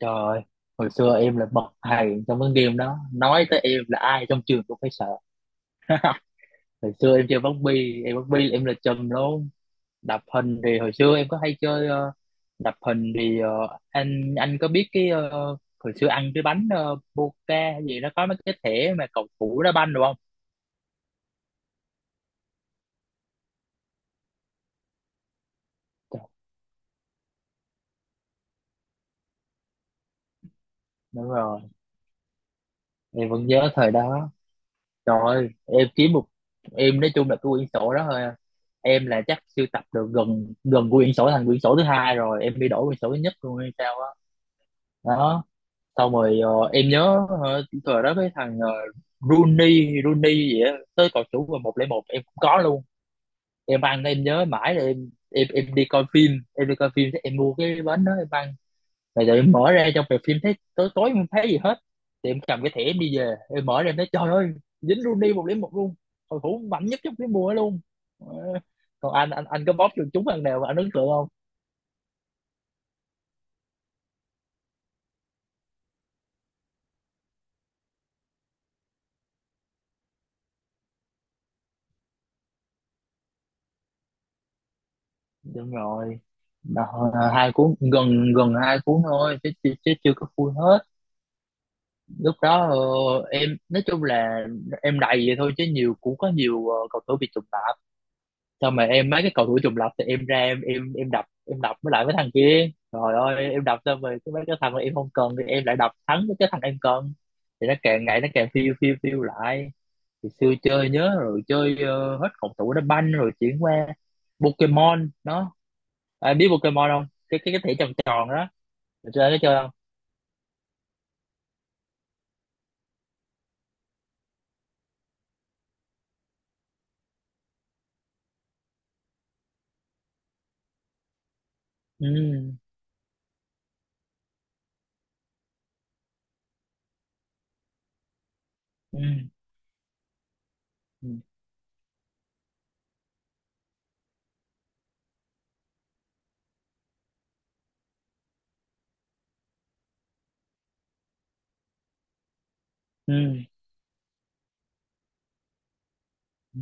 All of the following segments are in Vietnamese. Trời ơi, hồi xưa em là bậc thầy trong cái game đó. Nói tới em là ai trong trường cũng phải sợ. Hồi xưa em chơi bóng bi, em bóng bi là em là trùm luôn. Đập hình thì hồi xưa em có hay chơi đập hình thì anh có biết cái hồi xưa ăn cái bánh Boca hay gì nó có mấy cái thẻ mà cầu thủ đá banh đúng không? Trời, đúng rồi, em vẫn nhớ thời đó. Trời ơi, em kiếm một, em nói chung là cái quyển sổ đó thôi à. Em là chắc sưu tập được gần gần quyển sổ thành quyển sổ thứ hai rồi em đi đổi quyển sổ thứ nhất luôn hay sao á đó. Xong rồi em nhớ thời đó cái thằng Rooney Rooney gì á tới cầu thủ và 101 em cũng có luôn. Em ăn, em nhớ mãi là em đi coi phim, em đi coi phim, em mua cái bánh đó em ăn rồi giờ em mở ra trong rạp phim thấy tối tối em không thấy gì hết. Thì em cầm cái thẻ em đi về, em mở ra em thấy trời ơi, dính Rooney một điểm một luôn. Cầu thủ mạnh nhất trong cái mùa ấy luôn. Ờ, Còn anh có bóp được chúng lần nào mà anh ấn tượng không? Đúng rồi. Đó, hai cuốn, gần gần hai cuốn thôi chứ chưa có full hết. Lúc đó em nói chung là em đầy vậy thôi chứ nhiều cũng có nhiều cầu thủ bị trùng lặp. Xong mà em mấy cái cầu thủ trùng lập thì em ra em đập, em đập với lại mấy thằng kia rồi ơi em đập xong rồi cái mấy cái thằng mà em không cần thì em lại đập thắng với cái thằng em cần thì nó càng ngày nó càng phiêu phiêu phiêu lại. Thì xưa chơi nhớ rồi chơi hết cầu thủ đá banh rồi chuyển qua Pokemon đó. À, biết Pokemon không? Cái thẻ tròn tròn đó hồi xưa nó chơi không? Ừ ừ ừ ừ ừ.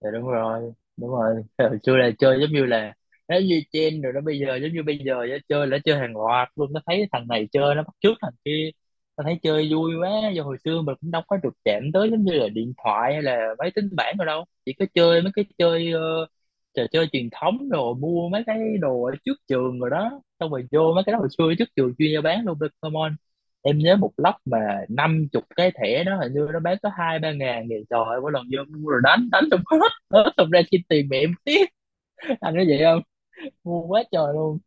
Dạ đúng rồi, đúng rồi. Hồi xưa là chơi giống như là nó như trend rồi đó, bây giờ giống như bây giờ á, chơi là chơi hàng loạt luôn, nó thấy thằng này chơi nó bắt chước thằng kia, nó thấy chơi vui quá. Do hồi xưa mình cũng đâu có được chạm tới giống như là điện thoại hay là máy tính bảng rồi đâu, chỉ có chơi mấy cái chơi trò chơi truyền thống rồi mua mấy cái đồ ở trước trường rồi đó, xong rồi vô mấy cái đó. Hồi xưa trước trường chuyên gia bán luôn Pokemon, em nhớ một lốc mà 50 cái thẻ đó hình như nó bán có 2 3 ngàn thì trời ơi mỗi lần vô mua rồi đánh đánh trong đó. Ớ thật ra chi tiền mẹ em tiếc, anh nói vậy không, ngu quá trời luôn.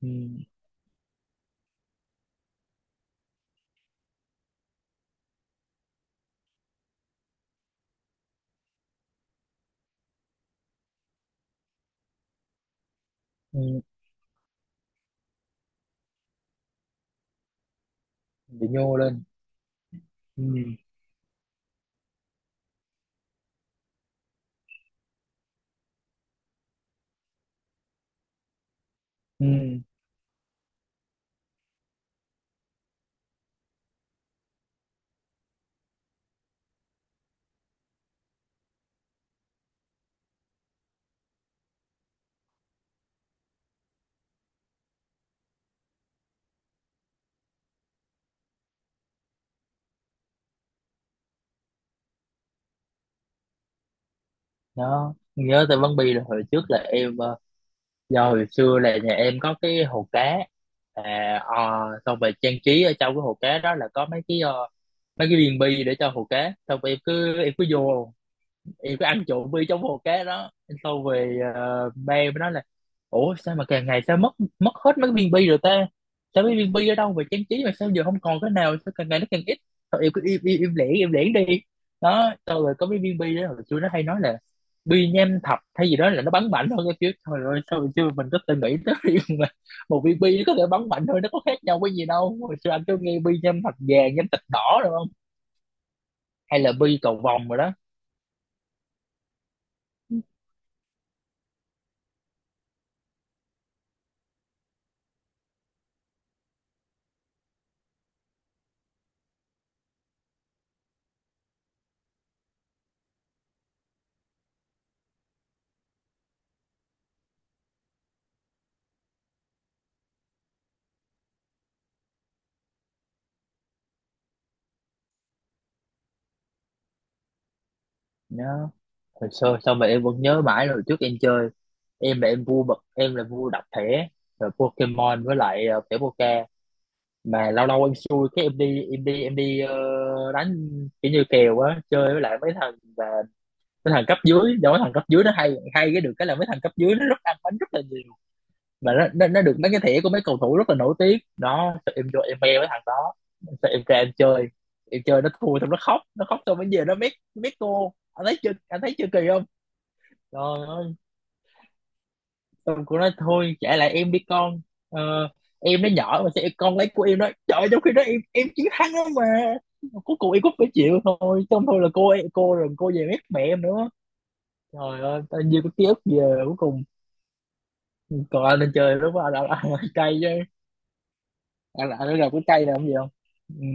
Ừ, ừ, bị nhô lên. Ừ, ừ, đó nhớ tới Bắn Bi là hồi trước là em do hồi xưa là nhà em có cái hồ cá. À, ờ, xong rồi trang trí ở trong cái hồ cá đó là có mấy cái mấy cái viên bi để cho hồ cá, xong rồi em cứ vô thì cứ ăn trộm bi trong hồ cá đó. Sau về, ba mới nói là ủa sao mà càng ngày sao mất, mất hết mấy viên bi rồi ta, sao mấy viên bi ở đâu về trang trí mà sao giờ không còn cái nào, sao càng ngày nó càng ít. Thôi em cứ im im im lẻn đi. Đó sau rồi có mấy viên bi đó, hồi xưa nó hay nói là bi nham thạch hay gì đó là nó bắn mạnh hơn cái kiểu. Thôi rồi sao hồi xưa mình có từng nghĩ tới việc mà một viên bi nó có thể bắn mạnh thôi, nó có khác nhau cái gì đâu. Hồi xưa anh cứ nghe bi nham thạch vàng, nham thạch đỏ rồi không hay là bi cầu vồng rồi đó. Đó. Hồi xưa sao mà em vẫn nhớ mãi rồi, trước em chơi, em là em vua bật, em là vua đập thẻ rồi Pokemon với lại thẻ Poké mà lâu lâu em xui cái em đi đánh, kiểu như kèo á, chơi với lại mấy thằng và mấy thằng cấp dưới. Do mấy thằng cấp dưới nó hay hay cái được cái là mấy thằng cấp dưới nó rất ăn bánh rất là nhiều mà nó được mấy cái thẻ của mấy cầu thủ rất là nổi tiếng đó. Sao em vô em bè với thằng đó, sao em ra em chơi, em chơi nó thua xong nó khóc, nó khóc xong mới về nó mét mét cô. Anh thấy chưa, anh thấy chưa, kỳ không? Trời ơi, xong cô nói thôi trả lại em đi con, ờ, em nó nhỏ mà sao con lấy của em đó. Trời ơi, trong khi đó em chiến thắng đó mà cuối cùng em cũng phải chịu thôi. Xong thôi là cô, rồi cô về mét mẹ em nữa. Trời ơi tao nhiều cái ký ức về cuối cùng. Còn anh lên chơi lúc đó anh cây chứ, anh là anh nó gặp cái cây là không gì không. Ừ.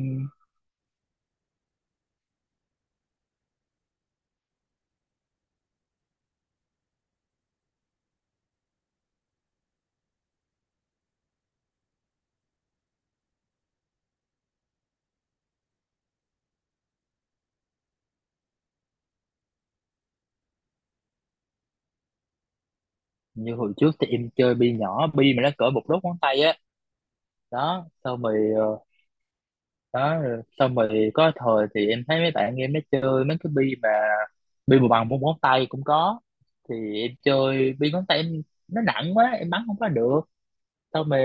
Như hồi trước thì em chơi bi nhỏ, bi mà nó cỡ một đốt ngón tay á đó, xong rồi đó, rồi xong rồi có thời thì em thấy mấy bạn em nó chơi mấy cái bi mà bằng một ngón tay cũng có, thì em chơi bi ngón tay em, nó nặng quá em bắn không có được. Xong rồi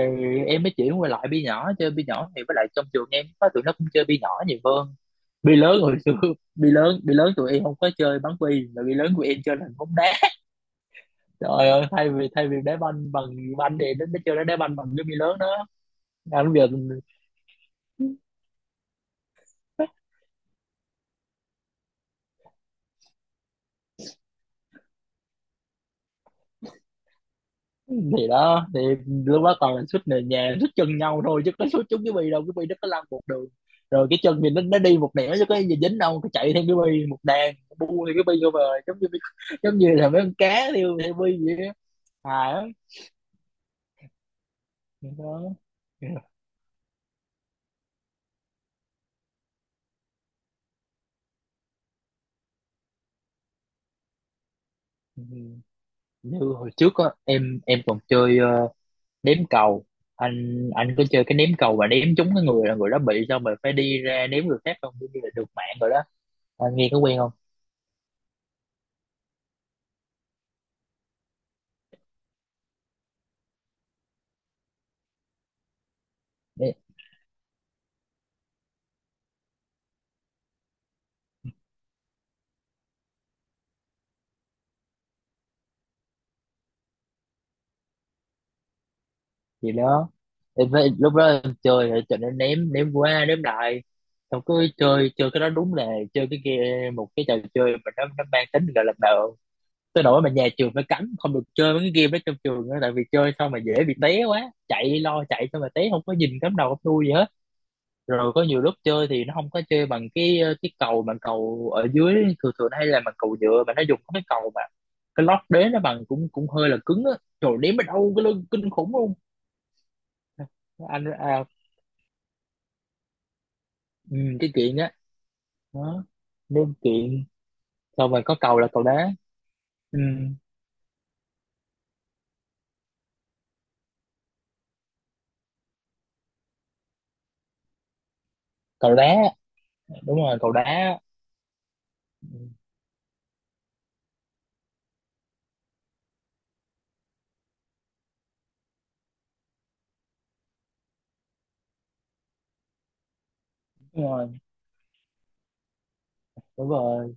em mới chuyển qua lại bi nhỏ, chơi bi nhỏ thì với lại trong trường em có tụi nó cũng chơi bi nhỏ nhiều hơn bi lớn. Hồi xưa bi lớn tụi em không có chơi bắn bi, mà bi lớn của em chơi là bóng đá. Trời ơi, thay vì đá banh bằng banh thì nó chơi đá banh bằng cái bi lớn đó. À, lúc giờ thì đó, thì lúc đó toàn là suýt nền nhà, suýt chân nhau thôi chứ có suýt trúng cái bi đâu. Cái bi nó có lăn một đường rồi cái chân thì nó đi một nẻo chứ có gì dính đâu. Cái chạy theo cái bi một đàn bu thì cái bi vô bờ, giống như, giống như là mấy con cá theo theo bi vậy á, hài lắm đó. Ừ. Như hồi trước á, em còn chơi ném cầu. Anh có chơi cái ném cầu mà ném trúng cái người là người đó bị, xong rồi phải đi ra ném người khác không, giống như là được mạng rồi đó. Anh nghe có quen không? Gì đó, em phải lúc đó em chơi thì cho nên ném, ném qua ném lại, xong cứ chơi chơi cái đó, đúng là chơi cái game, một cái trò chơi mà nó mang tính gọi là nợ tới nỗi mà nhà trường phải cấm không được chơi mấy cái game đó trong trường nữa, tại vì chơi xong mà dễ bị té quá, chạy lo chạy xong mà té không có nhìn cắm đầu cắm đuôi gì hết. Rồi có nhiều lúc chơi thì nó không có chơi bằng cái cầu bằng cầu ở dưới thường thường, hay là bằng cầu nhựa, mà nó dùng cái cầu mà cái lót đế nó bằng cũng cũng hơi là cứng á, trời đếm ở đâu cái lưng kinh khủng luôn. Anh à, ừ, cái chuyện đó đó, đúng chuyện. Xong rồi có cầu là cầu đá. Ừ, cầu đá, đúng rồi cầu đá. Ừ, đúng rồi, đúng rồi.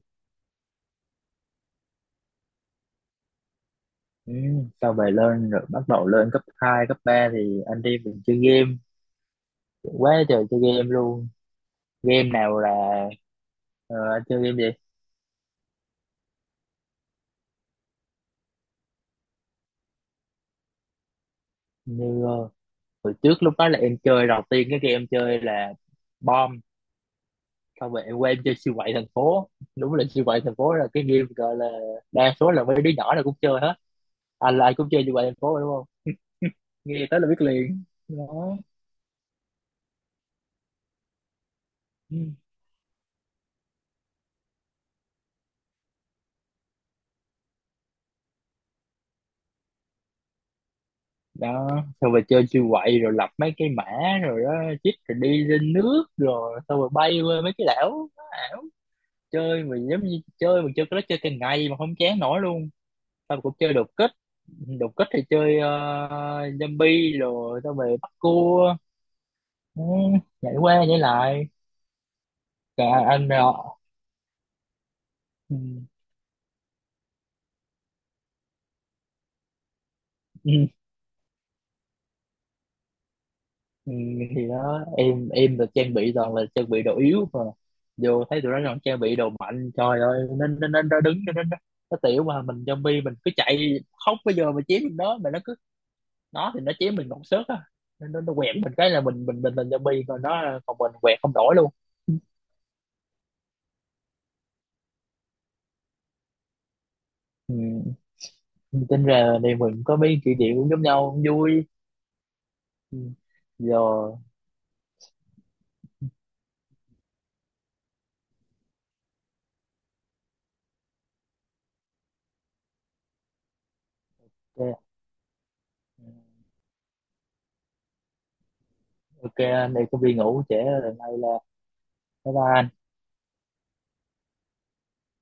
Ừ. Sau về lên rồi bắt đầu lên cấp 2 cấp 3 thì anh đi, mình chơi game quá trời, chơi game luôn. Game nào là ờ, anh chơi game gì? Như hồi trước lúc đó là em chơi đầu tiên, cái game em chơi là bom. Sau về em quen chơi siêu quậy thành phố, đúng là siêu quậy thành phố là cái game gọi là đa số là mấy đứa nhỏ là cũng chơi hết anh, là ai cũng chơi siêu quậy thành phố, đúng nghe tới là biết liền đó. Ừ. Đó xong rồi chơi siêu quậy rồi lập mấy cái mã rồi đó, chích rồi đi lên nước rồi xong rồi bay qua mấy cái đảo. Nó ảo, chơi mà giống như chơi, mà chơi cái đó chơi cả ngày mà không chán nổi luôn. Xong cũng chơi đột kích. Đột kích thì chơi zombie rồi xong rồi bắt cua. Ừ, nhảy qua nhảy lại cả anh rồi. Ừ. Ừ. Ừ, thì đó em được trang bị toàn là trang bị đồ yếu mà vô thấy tụi nó còn trang bị đồ mạnh, trời ơi, nên nên nên nó đứng, nên nó tiểu, mà mình zombie mình cứ chạy khóc. Bây giờ mà chém nó, mà nó cứ nó thì nó chém mình còn sớt á, nên nó quẹt mình cái là mình zombie, còn nó còn mình quẹt không nổi luôn. Ừ. Tính ra đây mình có mấy kỷ niệm cũng giống nhau, cũng vui. Ừ, giờ. OK, ok anh đây có đi công viên ngủ trễ rồi, nay là, bye bye anh.